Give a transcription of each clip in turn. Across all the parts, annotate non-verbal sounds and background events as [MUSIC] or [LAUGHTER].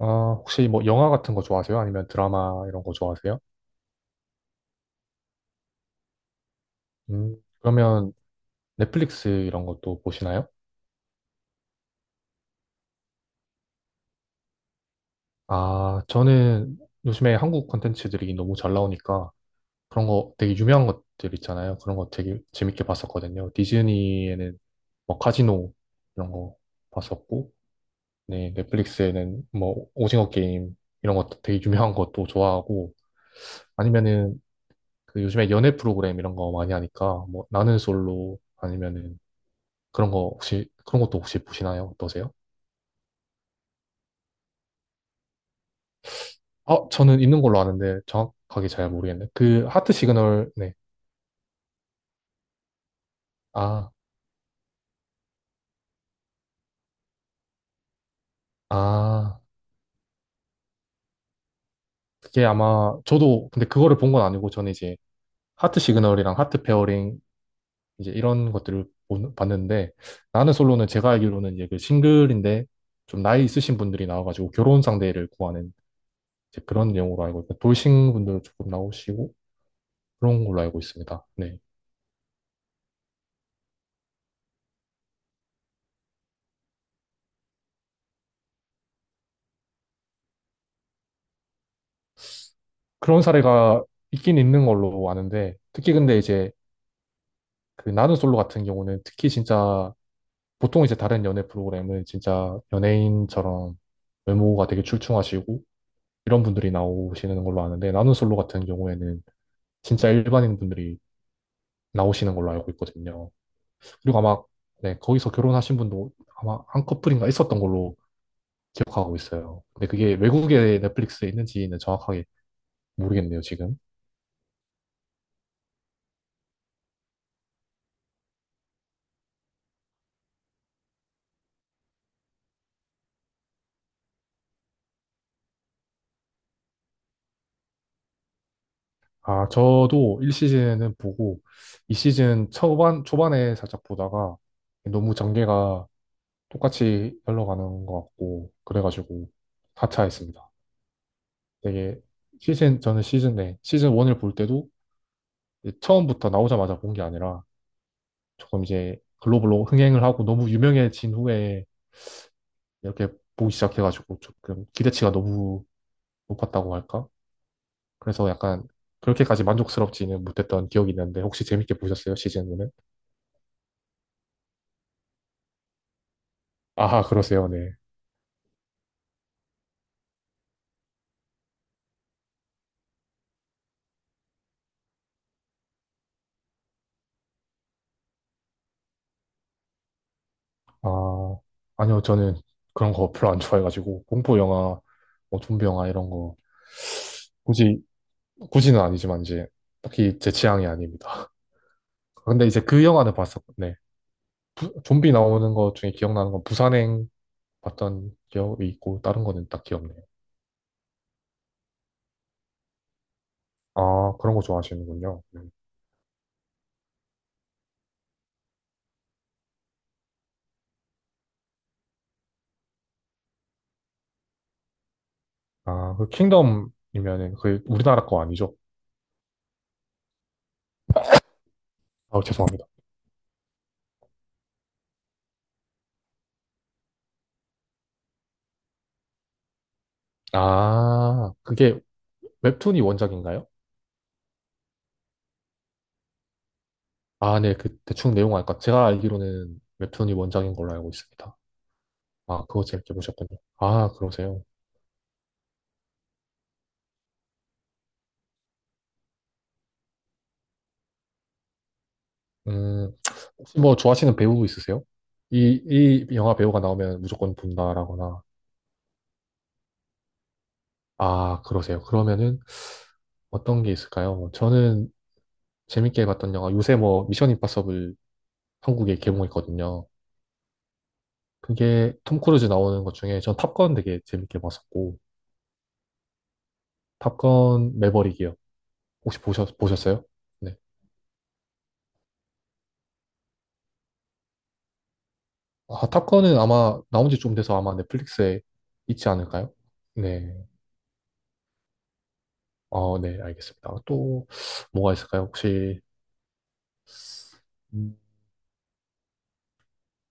아, 혹시 뭐 영화 같은 거 좋아하세요? 아니면 드라마 이런 거 좋아하세요? 그러면 넷플릭스 이런 것도 보시나요? 아, 저는 요즘에 한국 콘텐츠들이 너무 잘 나오니까 그런 거 되게 유명한 것들 있잖아요. 그런 거 되게 재밌게 봤었거든요. 디즈니에는 뭐 카지노 이런 거 봤었고, 네, 넷플릭스에는 뭐 오징어 게임 이런 것도 되게 유명한 것도 좋아하고, 아니면은 그 요즘에 연애 프로그램 이런 거 많이 하니까 뭐 나는 솔로 아니면은 그런 것도 혹시 보시나요? 어떠세요? 아, 저는 있는 걸로 아는데 정확하게 잘 모르겠네. 그 하트 시그널, 네. 아, 아, 그게 아마 저도 근데 그거를 본 건 아니고 저는 이제 하트 시그널이랑 하트 페어링 이제 이런 것들을 봤는데 나는 솔로는 제가 알기로는 이제 그 싱글인데 좀 나이 있으신 분들이 나와가지고 결혼 상대를 구하는 이제 그런 내용으로 알고 있고 돌싱 분들 조금 나오시고 그런 걸로 알고 있습니다. 네. 그런 사례가 있긴 있는 걸로 아는데 특히 근데 이제 그 나는 솔로 같은 경우는 특히 진짜 보통 이제 다른 연애 프로그램은 진짜 연예인처럼 외모가 되게 출중하시고 이런 분들이 나오시는 걸로 아는데 나는 솔로 같은 경우에는 진짜 일반인 분들이 나오시는 걸로 알고 있거든요. 그리고 아마 네, 거기서 결혼하신 분도 아마 한 커플인가 있었던 걸로 기억하고 있어요. 근데 그게 외국의 넷플릭스에 있는지는 정확하게 모르겠네요, 지금. 아, 저도 1시즌은 보고 2시즌 초반에 살짝 보다가 너무 전개가 똑같이 흘러가는 것 같고 그래가지고 4차 했습니다. 되게 시즌 저는 시즌 내 시즌 1을 볼 때도 이제 처음부터 나오자마자 본 게 아니라 조금 이제 글로벌로 흥행을 하고 너무 유명해진 후에 이렇게 보기 시작해가지고 조금 기대치가 너무 높았다고 할까? 그래서 약간 그렇게까지 만족스럽지는 못했던 기억이 있는데 혹시 재밌게 보셨어요 시즌 1은? 아 그러세요 네. 아 아니요 저는 그런 거 별로 안 좋아해가지고 공포 영화 뭐 좀비 영화 이런 거 굳이 굳이는 아니지만 이제 딱히 제 취향이 아닙니다. [LAUGHS] 근데 이제 그 영화는 봤었네. 좀비 나오는 것 중에 기억나는 건 부산행 봤던 기억이 있고 다른 거는 딱 기억나요. 아 그런 거 좋아하시는군요. 아 그 킹덤이면은 그 우리나라 거 아니죠? 아 죄송합니다. 아 그게 웹툰이 원작인가요? 아, 네, 그 대충 내용 알까? 제가 알기로는 웹툰이 원작인 걸로 알고 있습니다. 아, 그거 재밌게 보셨군요. 아, 그러세요. 음, 혹시 뭐 좋아하시는 배우 있으세요? 이, 이 영화 배우가 나오면 무조건 본다라거나. 아, 그러세요. 그러면은 어떤 게 있을까요? 뭐 저는 재밌게 봤던 영화, 요새 뭐 미션 임파서블 한국에 개봉했거든요. 그게 톰 크루즈 나오는 것 중에 전 탑건 되게 재밌게 봤었고, 탑건 매버릭이요. 보셨어요? 네. 아, 탑건은 아마 나온 지 좀 돼서 아마 넷플릭스에 있지 않을까요? 네. 어, 네, 알겠습니다. 또 뭐가 있을까요? 혹시 음,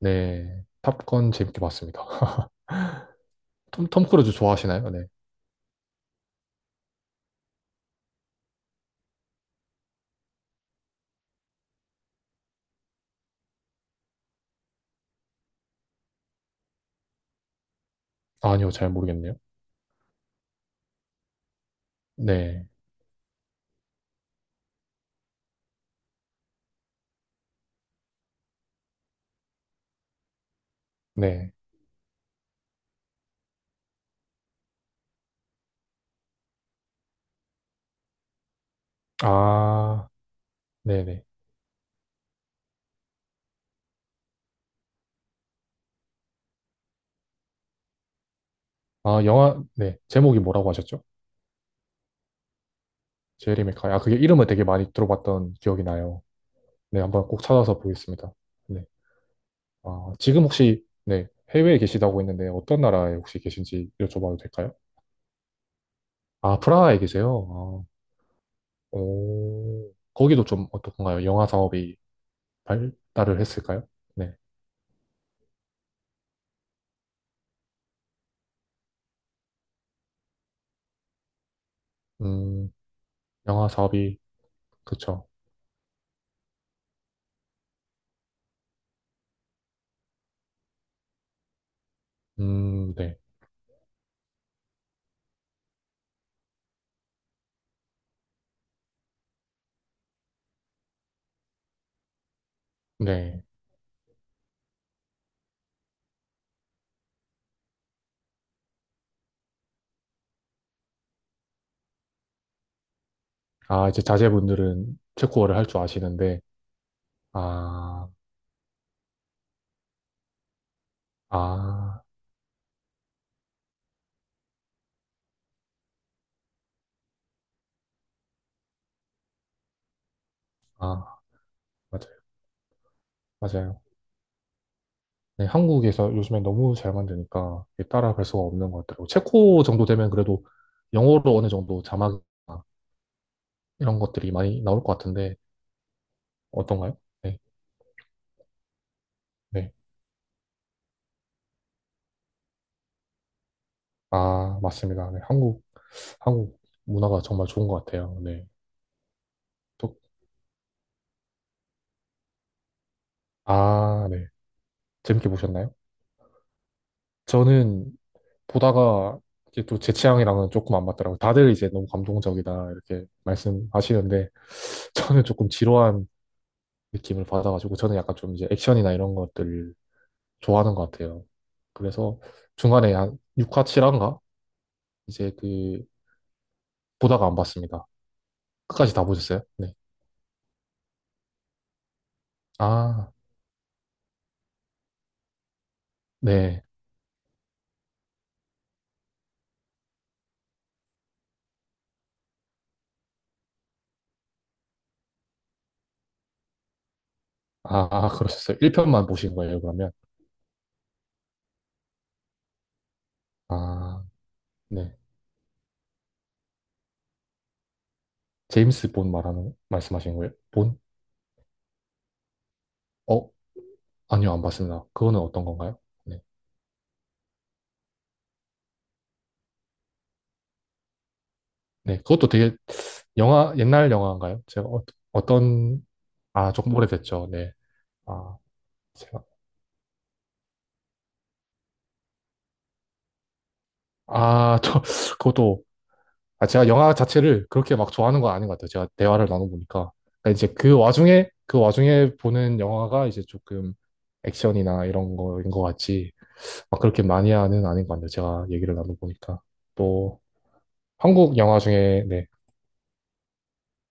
네. 탑건 재밌게 봤습니다. [LAUGHS] 톰 크루즈 좋아하시나요? 네. 아니요, 잘 모르겠네요. 네. 네. 아, 네네. 아, 영화, 네. 제목이 뭐라고 하셨죠? 제리 맥카이. 아, 그게 이름을 되게 많이 들어봤던 기억이 나요. 네, 한번 꼭 찾아서 보겠습니다. 네. 네. 해외에 계시다고 했는데 어떤 나라에 혹시 계신지 여쭤봐도 될까요? 아, 프라하에 계세요? 아, 오. 거기도 좀 어떻던가요? 영화 사업이 발달을 했을까요? 네. 음, 영화 사업이, 그쵸. 네. 네. 아, 이제 자제분들은 체코어를 할 줄 아시는데, 아, 아, 아, 맞아요. 맞아요. 네, 한국에서 요즘에 너무 잘 만드니까 이게 따라갈 수가 없는 것 같더라고요. 체코 정도 되면 그래도 영어로 어느 정도 자막 이런 것들이 많이 나올 것 같은데, 어떤가요? 네, 네. 아, 맞습니다. 네, 한국 문화가 정말 좋은 것 같아요. 네. 또, 아, 네. 재밌게 보셨나요? 저는 보다가 이게 또 제 취향이랑은 조금 안 맞더라고요. 다들 이제 너무 감동적이다 이렇게 말씀하시는데 저는 조금 지루한 느낌을 받아가지고 저는 약간 좀 이제 액션이나 이런 것들을 좋아하는 것 같아요. 그래서 중간에 한 6화, 7화인가? 이제 그 보다가 안 봤습니다. 끝까지 다 보셨어요? 네. 아, 네. 그러셨어요. 1편만 보신 거예요, 그러면? 아, 네. 제임스 본 말하는 말씀하신 거예요? 본? 어? 아니요, 안 봤습니다. 그거는 어떤 건가요? 네. 네, 그것도 되게 영화, 옛날 영화인가요? 제가 어, 떤 아, 조금 오래됐죠. 네. 아, 제가, 아, [LAUGHS] 그것도, 아, 제가 영화 자체를 그렇게 막 좋아하는 건 아닌 것 같아요. 제가 대화를 나눠보니까. 그러니까 이제 그 와중에 보는 영화가 이제 조금 액션이나 이런 거인 것 같지, 막 그렇게 마니아는 아닌 것 같네요. 제가 얘기를 나눠보니까. 또, 한국 영화 중에, 네,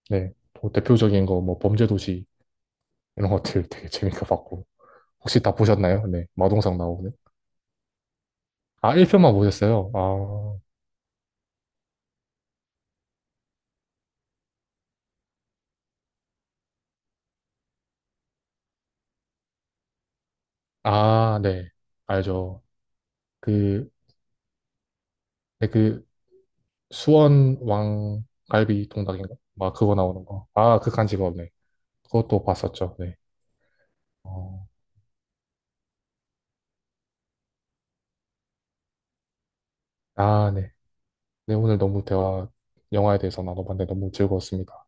네, 또 대표적인 거, 뭐, 범죄도시 이런 것들 되게 재밌게 봤고. 혹시 다 보셨나요? 네, 마동석 나오는. 아, 1편만 보셨어요? 아, 네. 알죠. 그, 네, 그, 수원 왕갈비 동닭인가? 막 그거 나오는 거. 아, 극한 직업, 네. 그것도 봤었죠, 네. 어, 아, 네. 네, 오늘 너무 대화, 영화에 대해서 나눠봤는데 너무 즐거웠습니다.